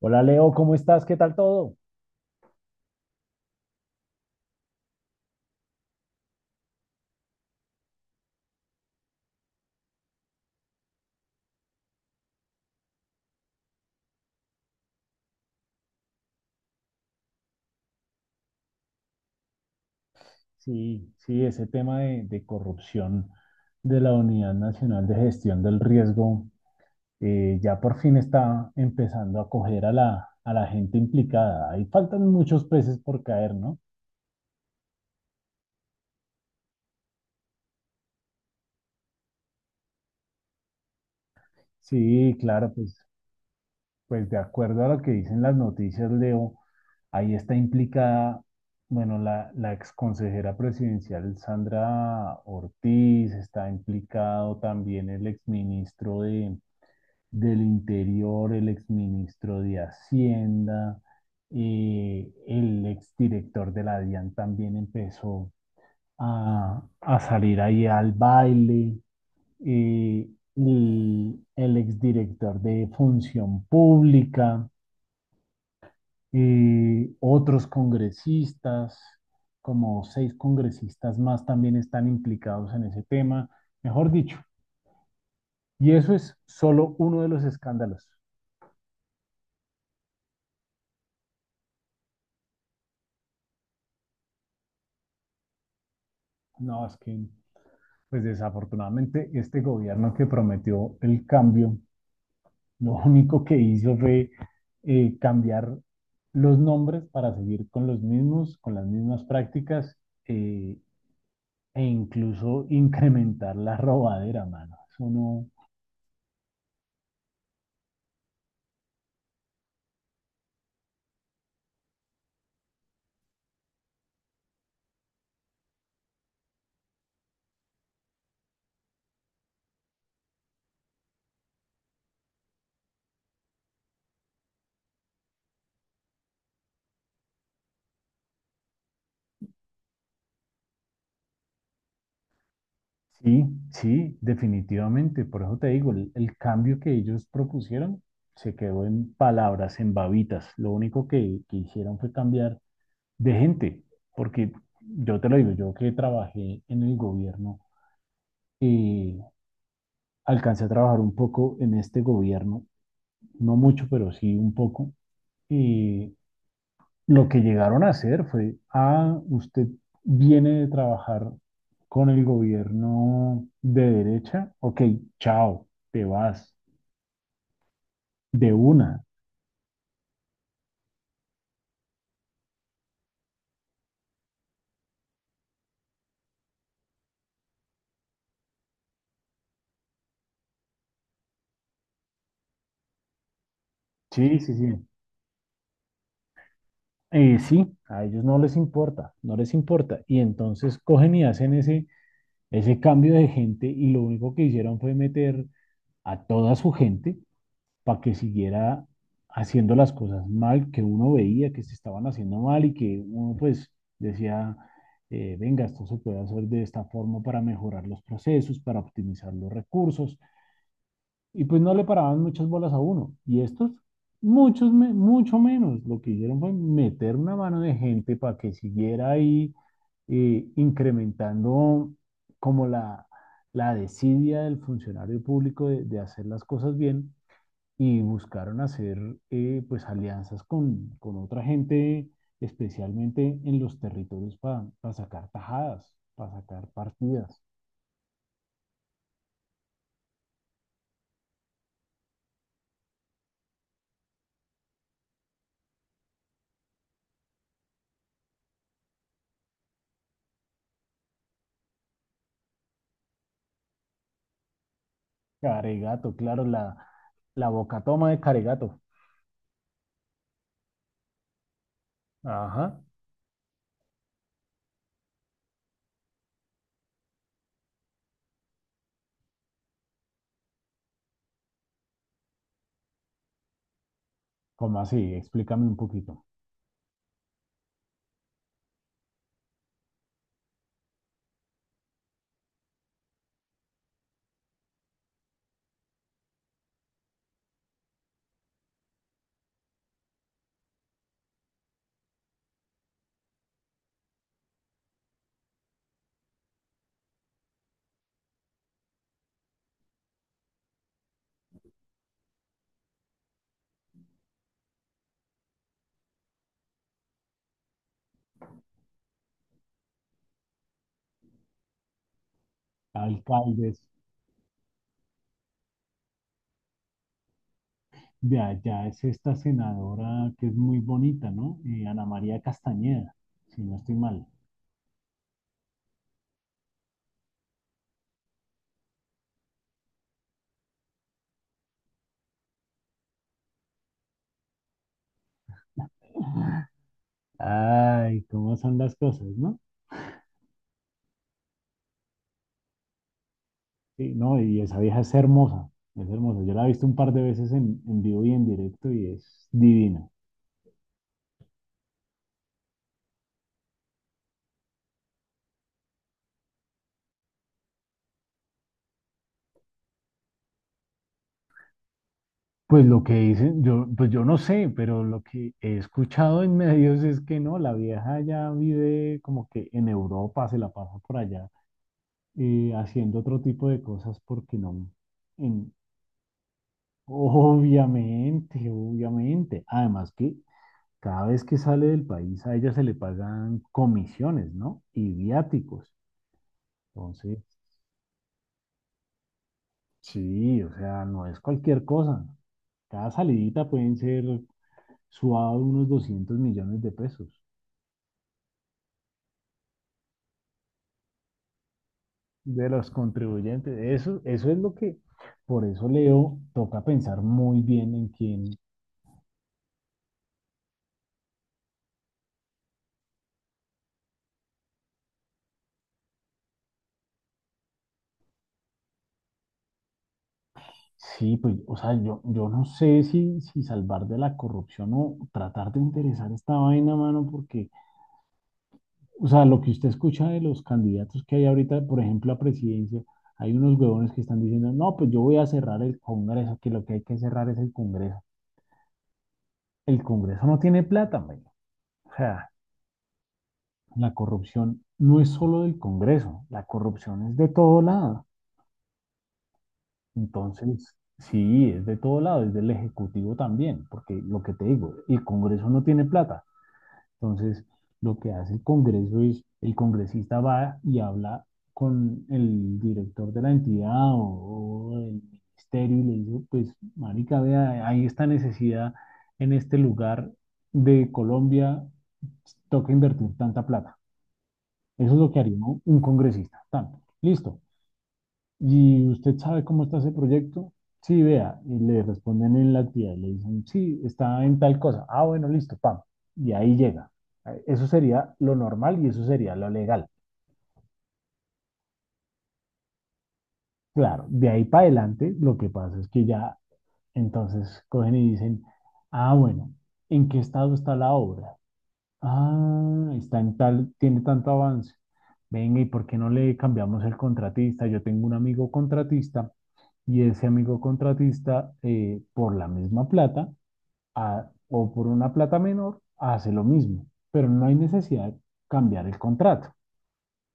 Hola Leo, ¿cómo estás? ¿Qué tal todo? Sí, sí, ese tema de corrupción de la Unidad Nacional de Gestión del Riesgo, ya por fin está empezando a coger a la gente implicada. Ahí faltan muchos peces por caer, ¿no? Sí, claro, pues de acuerdo a lo que dicen las noticias, Leo, ahí está implicada, bueno, la exconsejera presidencial Sandra Ortiz. Está implicado también el exministro de del Interior, el exministro de Hacienda, el exdirector de la DIAN también empezó a salir ahí al baile, eh, y el exdirector de Función Pública, otros congresistas, como 6 congresistas más también están implicados en ese tema, mejor dicho. Y eso es solo uno de los escándalos. No, es que pues desafortunadamente este gobierno que prometió el cambio, lo único que hizo fue, cambiar los nombres para seguir con los mismos, con las mismas prácticas, eh, e incluso incrementar la robadera, mano. Eso no. Sí, sí, definitivamente. Por eso te digo, el cambio que ellos propusieron se quedó en palabras, en babitas. Lo único que hicieron fue cambiar de gente, porque yo te lo digo, yo que trabajé en el gobierno, eh, alcancé a trabajar un poco en este gobierno, no mucho, pero sí un poco, y lo que llegaron a hacer fue, ah, usted viene de trabajar con el gobierno de derecha, ok, chao, te vas, de una. Sí, sí, sí. Sí, a ellos no les importa, no les importa. Y entonces cogen y hacen ese cambio de gente y lo único que hicieron fue meter a toda su gente para que siguiera haciendo las cosas mal, que uno veía que se estaban haciendo mal y que uno pues decía, venga, esto se puede hacer de esta forma para mejorar los procesos, para optimizar los recursos, y pues no le paraban muchas bolas a uno. Y estos, muchos, mucho menos. Lo que hicieron fue meter una mano de gente para que siguiera ahí, incrementando como la desidia del funcionario público de hacer las cosas bien, y buscaron hacer, pues alianzas con otra gente, especialmente en los territorios para sacar tajadas, para sacar partidas. Caregato, claro, la boca toma de Caregato. Ajá. ¿Cómo así? Explícame un poquito. Alcaldes, de allá es esta senadora que es muy bonita, ¿no? Ana María Castañeda, si no estoy mal. Ay, cómo son las cosas, ¿no? Sí, no, y esa vieja es hermosa, es hermosa. Yo la he visto un par de veces en vivo y en directo y es divina. Pues lo que dicen, yo, pues yo no sé, pero lo que he escuchado en medios es que no, la vieja ya vive como que en Europa, se la pasa por allá, haciendo otro tipo de cosas porque no, en- obviamente, obviamente. Además que cada vez que sale del país a ella se le pagan comisiones, ¿no? Y viáticos. Entonces, sí, o sea, no es cualquier cosa. Cada salidita pueden ser suados unos 200 millones de pesos de los contribuyentes. Eso es lo que, por eso Leo, toca pensar muy bien en quién. Sí, pues, o sea, yo no sé si, si salvar de la corrupción o tratar de interesar esta vaina, mano, porque, o sea, lo que usted escucha de los candidatos que hay ahorita, por ejemplo, a presidencia, hay unos huevones que están diciendo, no, pues yo voy a cerrar el Congreso, que lo que hay que cerrar es el Congreso. El Congreso no tiene plata, men. O sea, la corrupción no es solo del Congreso, la corrupción es de todo lado. Entonces, sí, es de todo lado, es del Ejecutivo también, porque lo que te digo, el Congreso no tiene plata. Entonces, lo que hace el Congreso es, el congresista va y habla con el director de la entidad o del ministerio y le dice, pues, marica, vea, hay esta necesidad en este lugar de Colombia, toca invertir tanta plata. Eso es lo que haría un congresista. Tanto. Listo. ¿Y usted sabe cómo está ese proyecto? Sí, vea. Y le responden en la actividad y le dicen, sí, está en tal cosa. Ah, bueno, listo, pam. Y ahí llega. Eso sería lo normal y eso sería lo legal. Claro, de ahí para adelante, lo que pasa es que ya entonces cogen y dicen, ah, bueno, ¿en qué estado está la obra? Ah, está en tal, tiene tanto avance. Venga, ¿y por qué no le cambiamos el contratista? Yo tengo un amigo contratista y ese amigo contratista, por la misma plata o por una plata menor, hace lo mismo, pero no hay necesidad de cambiar el contrato.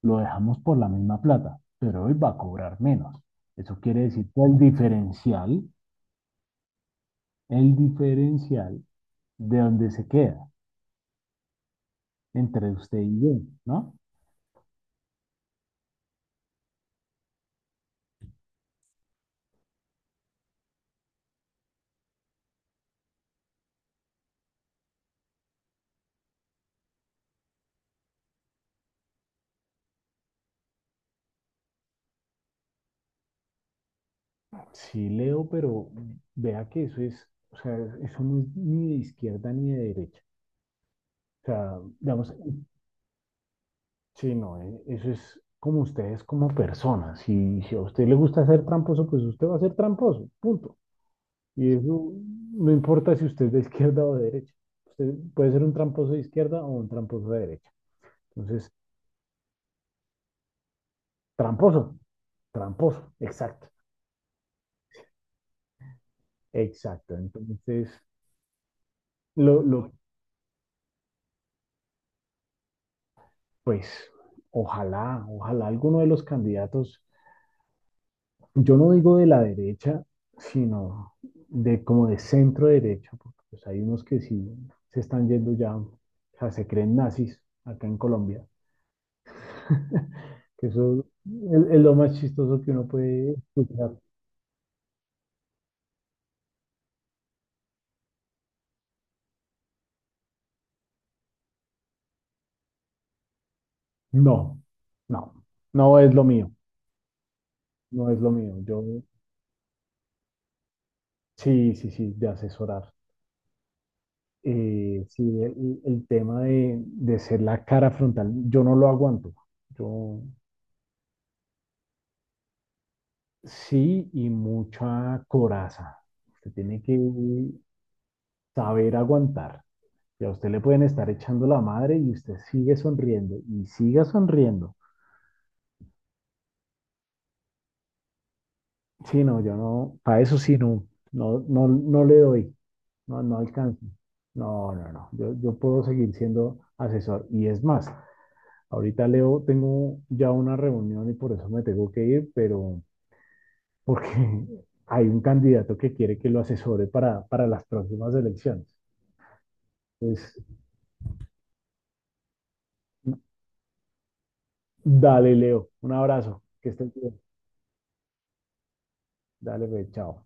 Lo dejamos por la misma plata, pero él va a cobrar menos. Eso quiere decir que el diferencial de donde se queda entre usted y yo, ¿no? Sí, Leo, pero vea que eso es, o sea, eso no es ni de izquierda ni de derecha. O sea, digamos, sí, no, eso es como ustedes como personas. Si, si a usted le gusta ser tramposo, pues usted va a ser tramposo, punto. Y eso no importa si usted es de izquierda o de derecha. Usted puede ser un tramposo de izquierda o un tramposo de derecha. Entonces, tramposo, tramposo, exacto, exacto. Entonces, lo, lo, pues, ojalá, ojalá alguno de los candidatos, yo no digo de la derecha, sino de como de centro derecha, porque pues, hay unos que sí se están yendo ya, o sea, se creen nazis acá en Colombia, que eso es lo más chistoso que uno puede escuchar. No, no, no es lo mío, no es lo mío. Yo sí, sí, sí, de asesorar. Sí, el tema de ser la cara frontal, yo no lo aguanto. Yo sí, y mucha coraza. Usted tiene que saber aguantar. Y a usted le pueden estar echando la madre y usted sigue sonriendo y siga sonriendo. Sí, no, yo no, para eso sí, no, no le doy, no, no alcanzo. No, no, no, yo puedo seguir siendo asesor. Y es más, ahorita Leo, tengo ya una reunión y por eso me tengo que ir, pero porque hay un candidato que quiere que lo asesore para las próximas elecciones. Es, dale, Leo. Un abrazo. Que estés bien. Dale, pues, chao.